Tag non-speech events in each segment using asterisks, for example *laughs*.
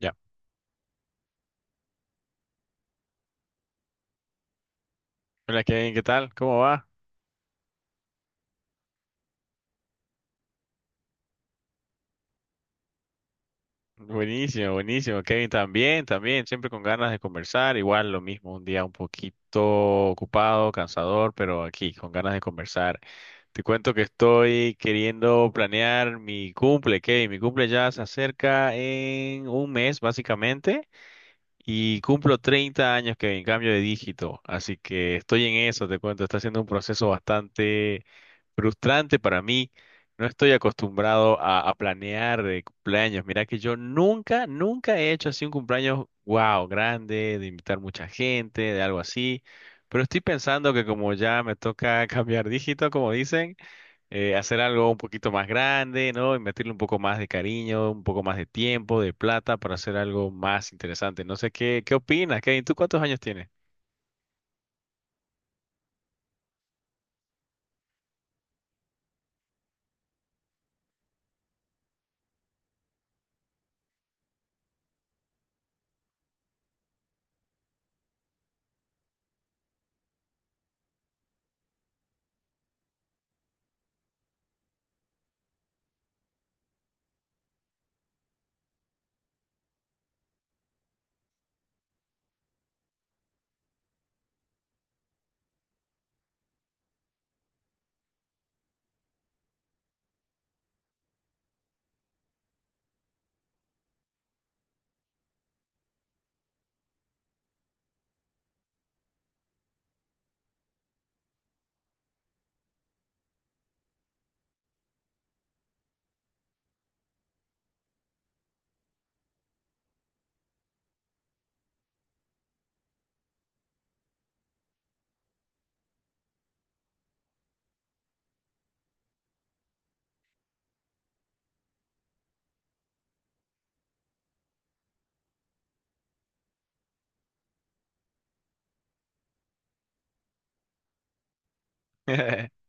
Ya. Hola Kevin, ¿qué tal? ¿Cómo va? Buenísimo, buenísimo. Kevin, también, siempre con ganas de conversar. Igual lo mismo, un día un poquito ocupado, cansador, pero aquí, con ganas de conversar. Te cuento que estoy queriendo planear mi cumple, Kevin. Mi cumple ya se acerca en un mes, básicamente. Y cumplo 30 años que en cambio de dígito, así que estoy en eso, te cuento, está siendo un proceso bastante frustrante para mí. No estoy acostumbrado a planear de cumpleaños. Mira que yo nunca he hecho así un cumpleaños, wow, grande, de invitar mucha gente, de algo así. Pero estoy pensando que como ya me toca *laughs* cambiar dígito, como dicen, hacer algo un poquito más grande, ¿no? Y meterle un poco más de cariño, un poco más de tiempo, de plata para hacer algo más interesante. No sé qué opinas, Kevin. ¿Tú cuántos años tienes? *laughs*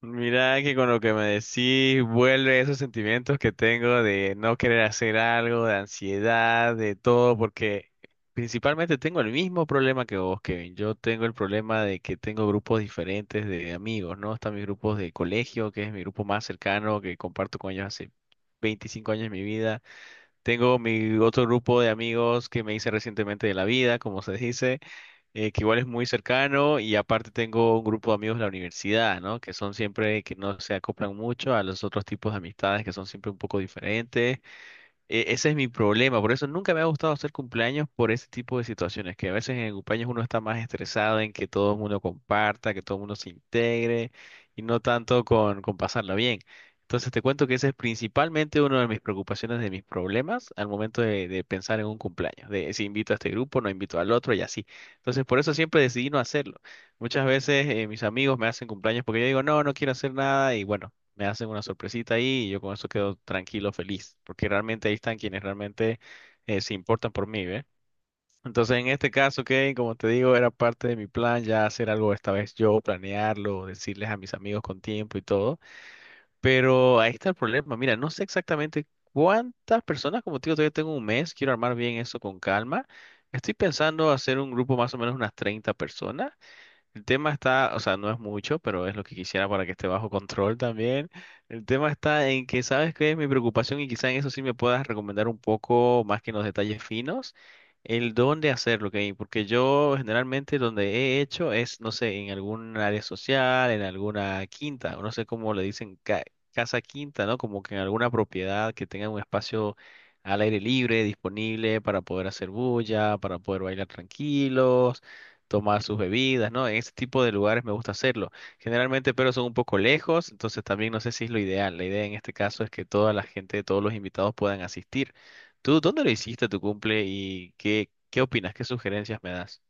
Mira que con lo que me decís vuelve esos sentimientos que tengo de no querer hacer algo, de ansiedad, de todo, porque principalmente tengo el mismo problema que vos, Kevin. Yo tengo el problema de que tengo grupos diferentes de amigos, ¿no? Están mis grupos de colegio, que es mi grupo más cercano, que comparto con ellos hace 25 años de mi vida. Tengo mi otro grupo de amigos que me hice recientemente de la vida, como se dice que igual es muy cercano y aparte tengo un grupo de amigos de la universidad, ¿no? Que son siempre que no se acoplan mucho a los otros tipos de amistades que son siempre un poco diferentes ese es mi problema, por eso nunca me ha gustado hacer cumpleaños por ese tipo de situaciones, que a veces en el cumpleaños uno está más estresado en que todo el mundo comparta, que todo el mundo se integre y no tanto con pasarla bien. Entonces te cuento que ese es principalmente uno de mis preocupaciones, de mis problemas al momento de pensar en un cumpleaños, de si invito a este grupo, no invito al otro y así. Entonces por eso siempre decidí no hacerlo. Muchas veces mis amigos me hacen cumpleaños porque yo digo, no, no quiero hacer nada y bueno me hacen una sorpresita ahí y yo con eso quedo tranquilo, feliz, porque realmente ahí están quienes realmente se importan por mí, ¿ve? Entonces, en este caso, Kevin, como te digo, era parte de mi plan ya hacer algo esta vez yo, planearlo, decirles a mis amigos con tiempo y todo. Pero ahí está el problema. Mira, no sé exactamente cuántas personas, como te digo, todavía tengo un mes, quiero armar bien eso con calma. Estoy pensando hacer un grupo más o menos unas 30 personas, el tema está, o sea, no es mucho, pero es lo que quisiera para que esté bajo control también. El tema está en que sabes que es mi preocupación y quizá en eso sí me puedas recomendar un poco más que en los detalles finos, el dónde hacerlo, ¿ok? Porque yo generalmente donde he hecho es, no sé, en algún área social, en alguna quinta, o no sé cómo le dicen casa quinta, ¿no? Como que en alguna propiedad que tenga un espacio al aire libre, disponible para poder hacer bulla, para poder bailar tranquilos, tomar sus bebidas, ¿no? En ese tipo de lugares me gusta hacerlo. Generalmente, pero son un poco lejos, entonces también no sé si es lo ideal. La idea en este caso es que toda la gente, todos los invitados puedan asistir. ¿Tú dónde lo hiciste tu cumple y qué opinas? ¿Qué sugerencias me das?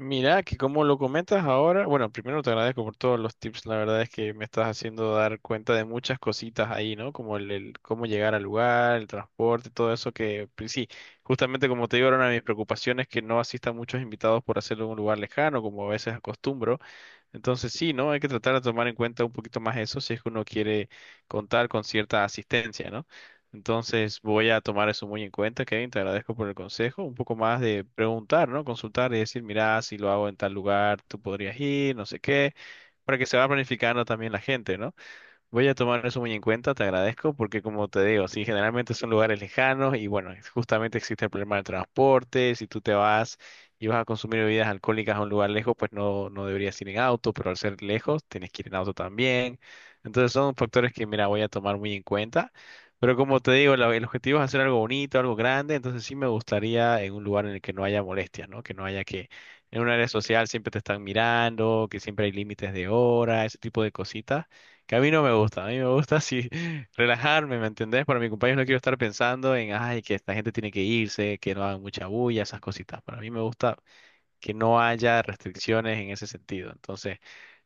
Mira, que como lo comentas ahora, bueno, primero te agradezco por todos los tips, la verdad es que me estás haciendo dar cuenta de muchas cositas ahí, ¿no? Como el cómo llegar al lugar, el transporte, todo eso que, pues sí, justamente como te digo, era una de mis preocupaciones que no asistan muchos invitados por hacerlo en un lugar lejano, como a veces acostumbro. Entonces sí, ¿no? Hay que tratar de tomar en cuenta un poquito más eso si es que uno quiere contar con cierta asistencia, ¿no? Entonces voy a tomar eso muy en cuenta, Kevin, te agradezco por el consejo, un poco más de preguntar, ¿no? Consultar y decir, mira, si lo hago en tal lugar, tú podrías ir, no sé qué, para que se va planificando también la gente, ¿no? Voy a tomar eso muy en cuenta, te agradezco, porque como te digo, sí, generalmente son lugares lejanos y bueno, justamente existe el problema del transporte, si tú te vas y vas a consumir bebidas alcohólicas a un lugar lejos, pues no, no deberías ir en auto, pero al ser lejos, tienes que ir en auto también. Entonces son factores que, mira, voy a tomar muy en cuenta, pero como te digo, el objetivo es hacer algo bonito, algo grande, entonces sí me gustaría en un lugar en el que no haya molestias, ¿no? Que no haya que, en un área social siempre te están mirando, que siempre hay límites de hora, ese tipo de cositas. Que a mí no me gusta, a mí me gusta así *laughs* relajarme, ¿me entendés? Para mi cumpleaños no quiero estar pensando en, ay, que esta gente tiene que irse, que no hagan mucha bulla, esas cositas. Para mí me gusta que no haya restricciones en ese sentido. Entonces,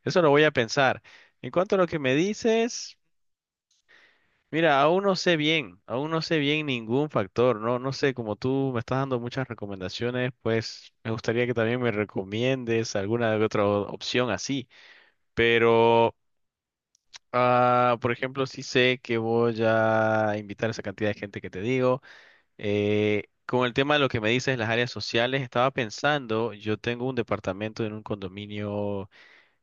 eso lo voy a pensar. En cuanto a lo que me dices, mira, aún no sé bien ningún factor, ¿no? No sé, como tú me estás dando muchas recomendaciones, pues me gustaría que también me recomiendes alguna otra opción así, pero... Ah, por ejemplo, sí sé que voy a invitar a esa cantidad de gente que te digo. Con el tema de lo que me dices, las áreas sociales, estaba pensando, yo tengo un departamento en un condominio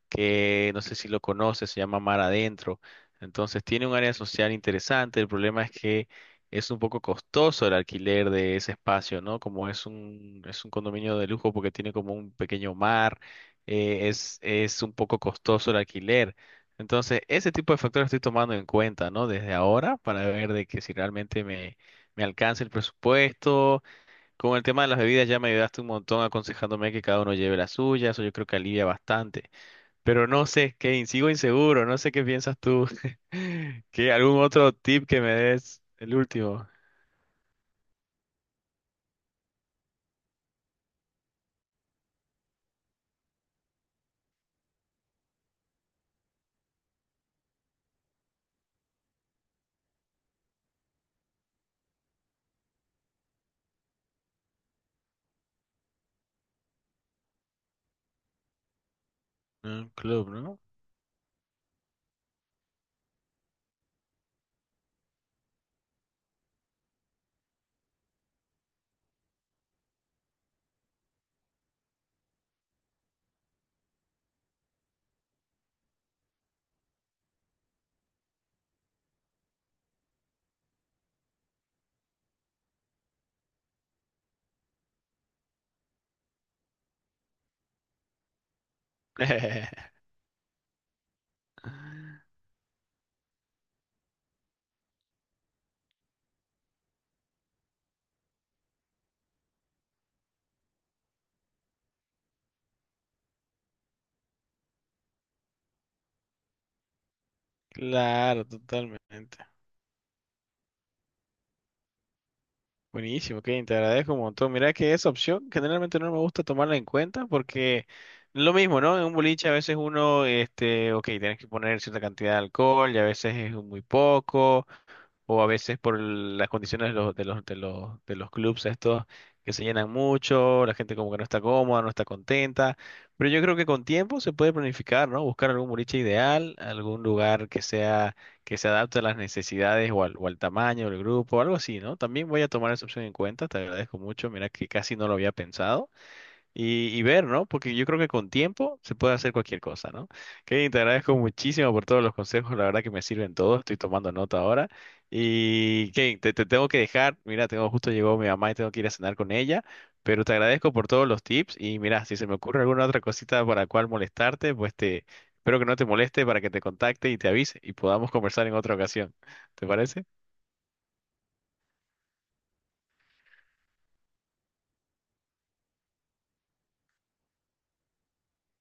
que no sé si lo conoces, se llama Mar Adentro. Entonces tiene un área social interesante. El problema es que es un poco costoso el alquiler de ese espacio, ¿no? Como es es un condominio de lujo porque tiene como un pequeño mar, es un poco costoso el alquiler. Entonces, ese tipo de factores estoy tomando en cuenta, ¿no? Desde ahora para ver de que si realmente me alcanza el presupuesto. Con el tema de las bebidas ya me ayudaste un montón aconsejándome que cada uno lleve la suya, eso yo creo que alivia bastante. Pero no sé, Kane, sigo inseguro, no sé qué piensas tú. *laughs* ¿Qué, algún otro tip que me des? El último. Un club, ¿no? *laughs* Claro, totalmente. Buenísimo, Kane, te agradezco un montón. Mira que esa opción generalmente no me gusta tomarla en cuenta porque lo mismo, ¿no? En un boliche a veces uno, este, ok, tienes que poner cierta cantidad de alcohol y a veces es muy poco, o a veces por las condiciones de los clubes estos que se llenan mucho, la gente como que no está cómoda, no está contenta, pero yo creo que con tiempo se puede planificar, ¿no? Buscar algún boliche ideal, algún lugar que sea, que se adapte a las necesidades o o al tamaño del grupo, algo así, ¿no? También voy a tomar esa opción en cuenta, te agradezco mucho, mira que casi no lo había pensado. Y ver, ¿no? Porque yo creo que con tiempo se puede hacer cualquier cosa, ¿no? Kevin, te agradezco muchísimo por todos los consejos, la verdad que me sirven todos, estoy tomando nota ahora. Y Kevin te tengo que dejar, mira, tengo, justo llegó mi mamá y tengo que ir a cenar con ella, pero te agradezco por todos los tips y mira, si se me ocurre alguna otra cosita para cual molestarte, pues te, espero que no te moleste para que te contacte y te avise y podamos conversar en otra ocasión. ¿Te parece?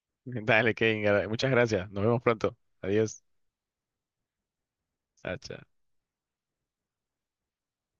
*laughs* Dale, Kevin, muchas gracias. Nos vemos pronto. Adiós. Chao, chao.